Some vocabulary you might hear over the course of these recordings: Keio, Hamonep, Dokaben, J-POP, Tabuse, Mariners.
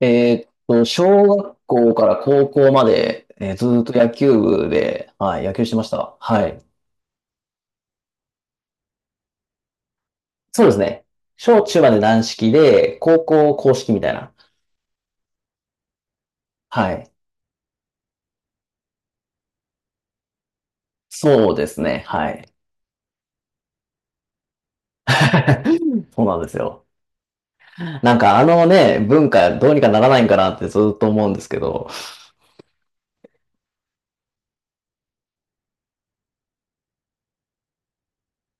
小学校から高校まで、ずーっと野球部で、はい、野球してました。はい。そうですね。小中まで軟式で、高校硬式みたいな。はい。そうですね。はい。そうなんですよ。なんかあのね、文化どうにかならないんかなってずーっと思うんですけど。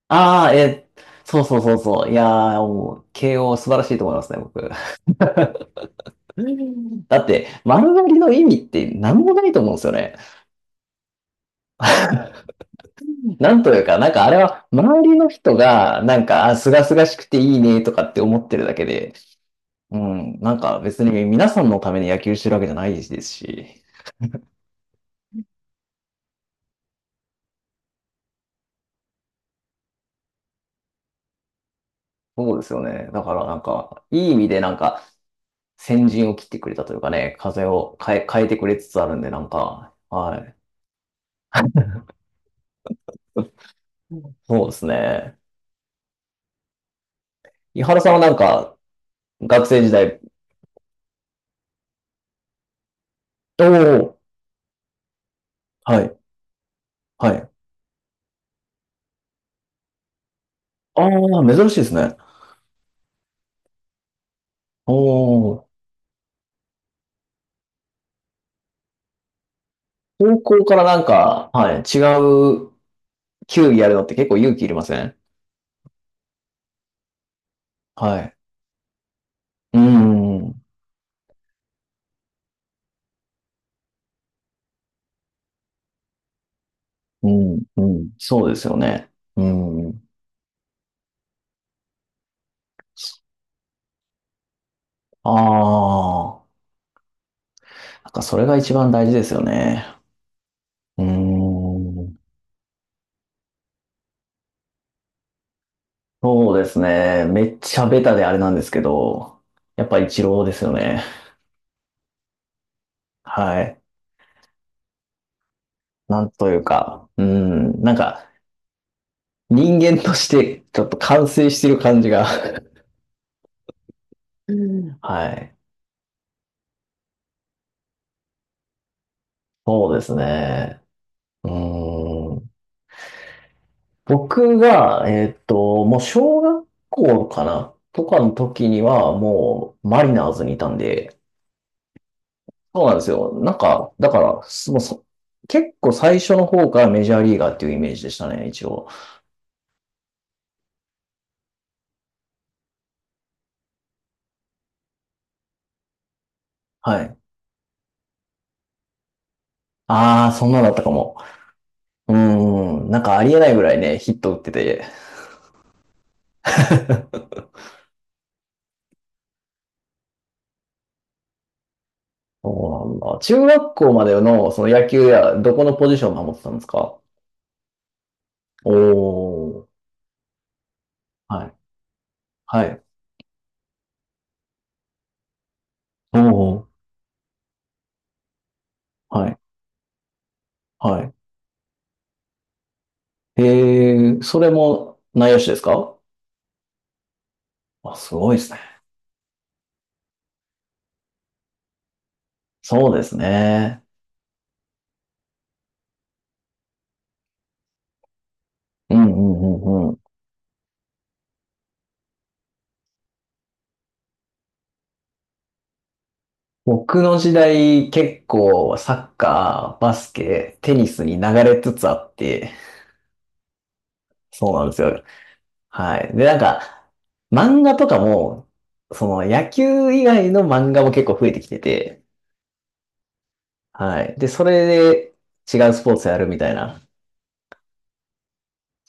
ああ、そうそうそうそう。いやー、もう、慶応素晴らしいと思いますね、僕。だって、丸刈りの意味って何もないと思うんですよね。なんというか、なんかあれは、周りの人が、なんか、あ、すがすがしくていいねとかって思ってるだけで、うん、なんか別に皆さんのために野球してるわけじゃないですし、そうですよね。だからなんか、いい意味でなんか、先陣を切ってくれたというかね、風を変えてくれつつあるんで、なんか、はい。そうですね。井原さんはなんか、学生時代、おお、はい、はい。ああ、珍しいですね。おお、高校からなんか、はい、違う球技やるのって結構勇気いりません？はい。うん、うん、うん、うんそうですよね。うん。ああ、なんかそれが一番大事ですよね。うーん。そうですね。めっちゃベタであれなんですけど、やっぱり一郎ですよね。はい。なんというか、うん、なんか人間として ちょっと完成してる感じが。うんはい。そうですね。うーん。僕が、もう小学校かなとかの時には、もうマリナーズにいたんで、そうなんですよ。なんか、だから、もうそ結構最初の方からメジャーリーガーっていうイメージでしたね、一応。はい。ああ、そんなだったかも。うーん、なんかありえないぐらいね、ヒット打ってて。そうなんだ。中学校までのその野球や、どこのポジションを守ってたんですか？おー。はい。はい。おー。はい。はい。ええ、それも内野手ですか？あ、すごいですね。そうですね。うんうんうんうん。僕の時代結構サッカー、バスケ、テニスに流れつつあって、そうなんですよ。はい。で、なんか、漫画とかも、その野球以外の漫画も結構増えてきてて、はい。で、それで違うスポーツやるみたいな。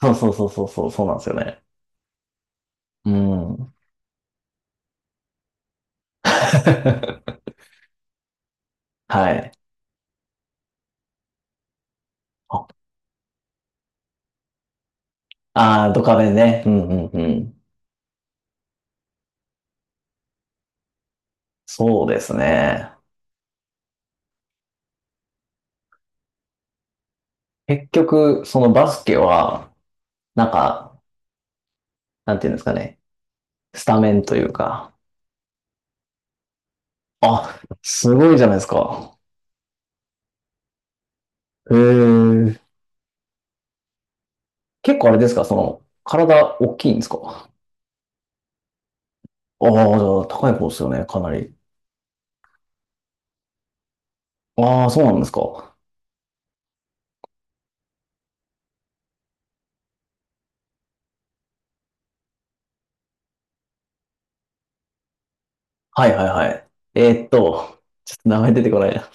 そうそうそうそうそう、そうなんですよね。うん。はい。ああ、ドカベンね。うんうんうん。そうですね。結局、そのバスケは、なんか、なんていうんですかね。スタメンというか。あ、すごいじゃないですか。へえ。結構あれですかその、体大きいんですか？ああ、じゃあ高い方ですよね、かなり。ああ、そうなんですか。はいはいはい。えーっと、ちょっと名前出てこないな。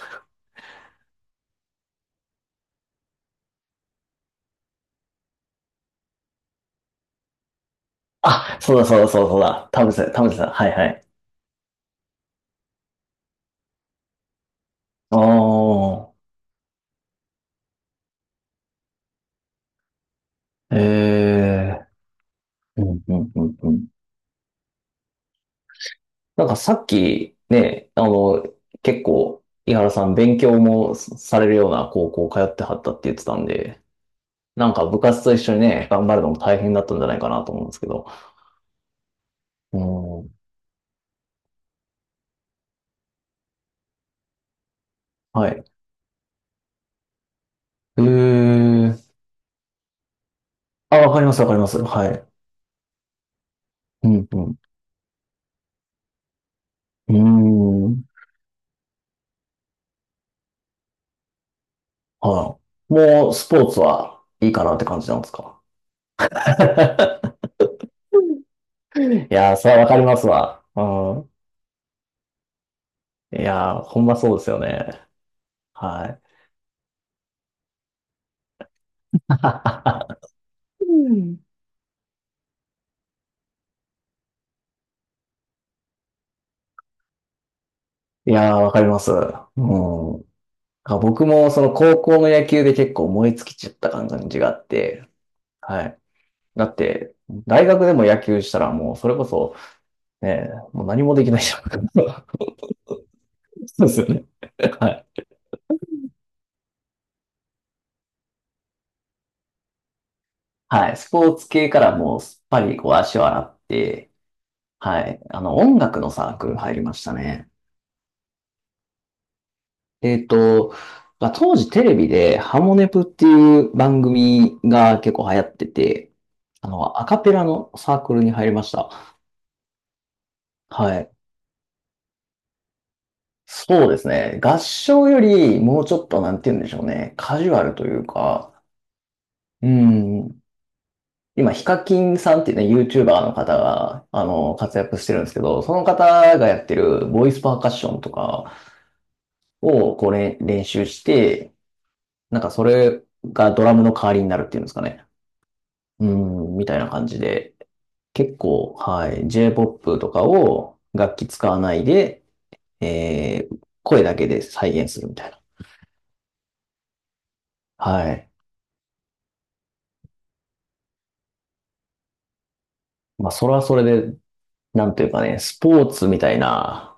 あ、そうだそうだそうだそうだ。田臥さん、田臥さん。はいはい。ああ、ええ。うんうんうんうん。なんかさっきね、あの、結構、井原さん勉強もされるような高校通ってはったって言ってたんで、なんか部活と一緒にね、頑張るのも大変だったんじゃないかなと思うんですけど。うん。はい。えー。あ、わかります、わかります。はい。うん、うん。うーん。はい。もう、スポーツはいいかなって感じなんですか？ いやー、それはわかりますわ。うん。いやー、ほんまそうですよね。はい。いやー、わかります。うん。あ、僕もその高校の野球で結構燃え尽きちゃった感じがあって、はい。だって、大学でも野球したらもうそれこそ、ね、もう何もできないじゃん。そうですよね。はい。はい。スポーツ系からもうすっぱりこう足を洗って、はい。あの、音楽のサークル入りましたね。えっと、まあ、当時テレビでハモネプっていう番組が結構流行ってて、あの、アカペラのサークルに入りました。はい。そうですね。合唱よりもうちょっとなんて言うんでしょうね。カジュアルというか、うん。今、ヒカキンさんっていうね、YouTuber の方が、あの、活躍してるんですけど、その方がやってるボイスパーカッションとかをこう練習して、なんかそれがドラムの代わりになるっていうんですかね。うん、みたいな感じで、結構、はい、J-POP とかを楽器使わないで、声だけで再現するみたいな。はい。まあ、それはそれで、なんというかね、スポーツみたいな、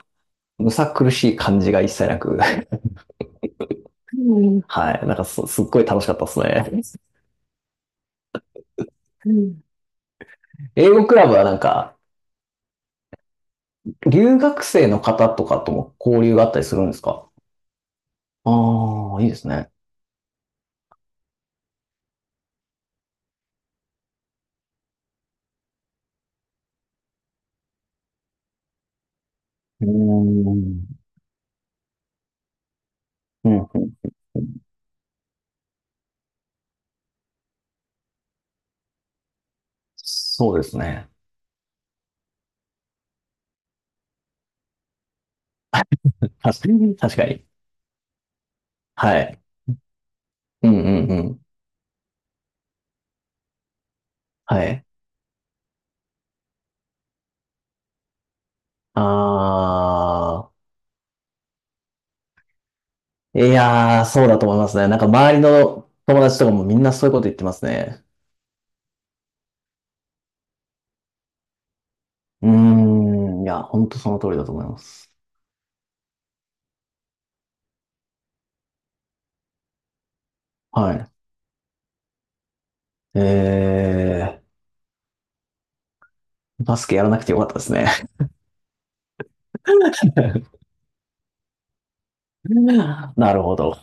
むさ苦しい感じが一切なく、うん。はい。なんかすっごい楽しかったですね。うん英語クラブはなんか、留学生の方とかとも交流があったりするんですか？ああ、いいですね。うーん。うん。そうですね。確かに。確かに。はい。うんうんうん。はい。ああ、いやー、そうだと思いますね。なんか周りの友達とかもみんなそういうこと言ってますね。うーん、いや、本当その通りだと思います。はい。えバスケやらなくてよかったですね。なるほど。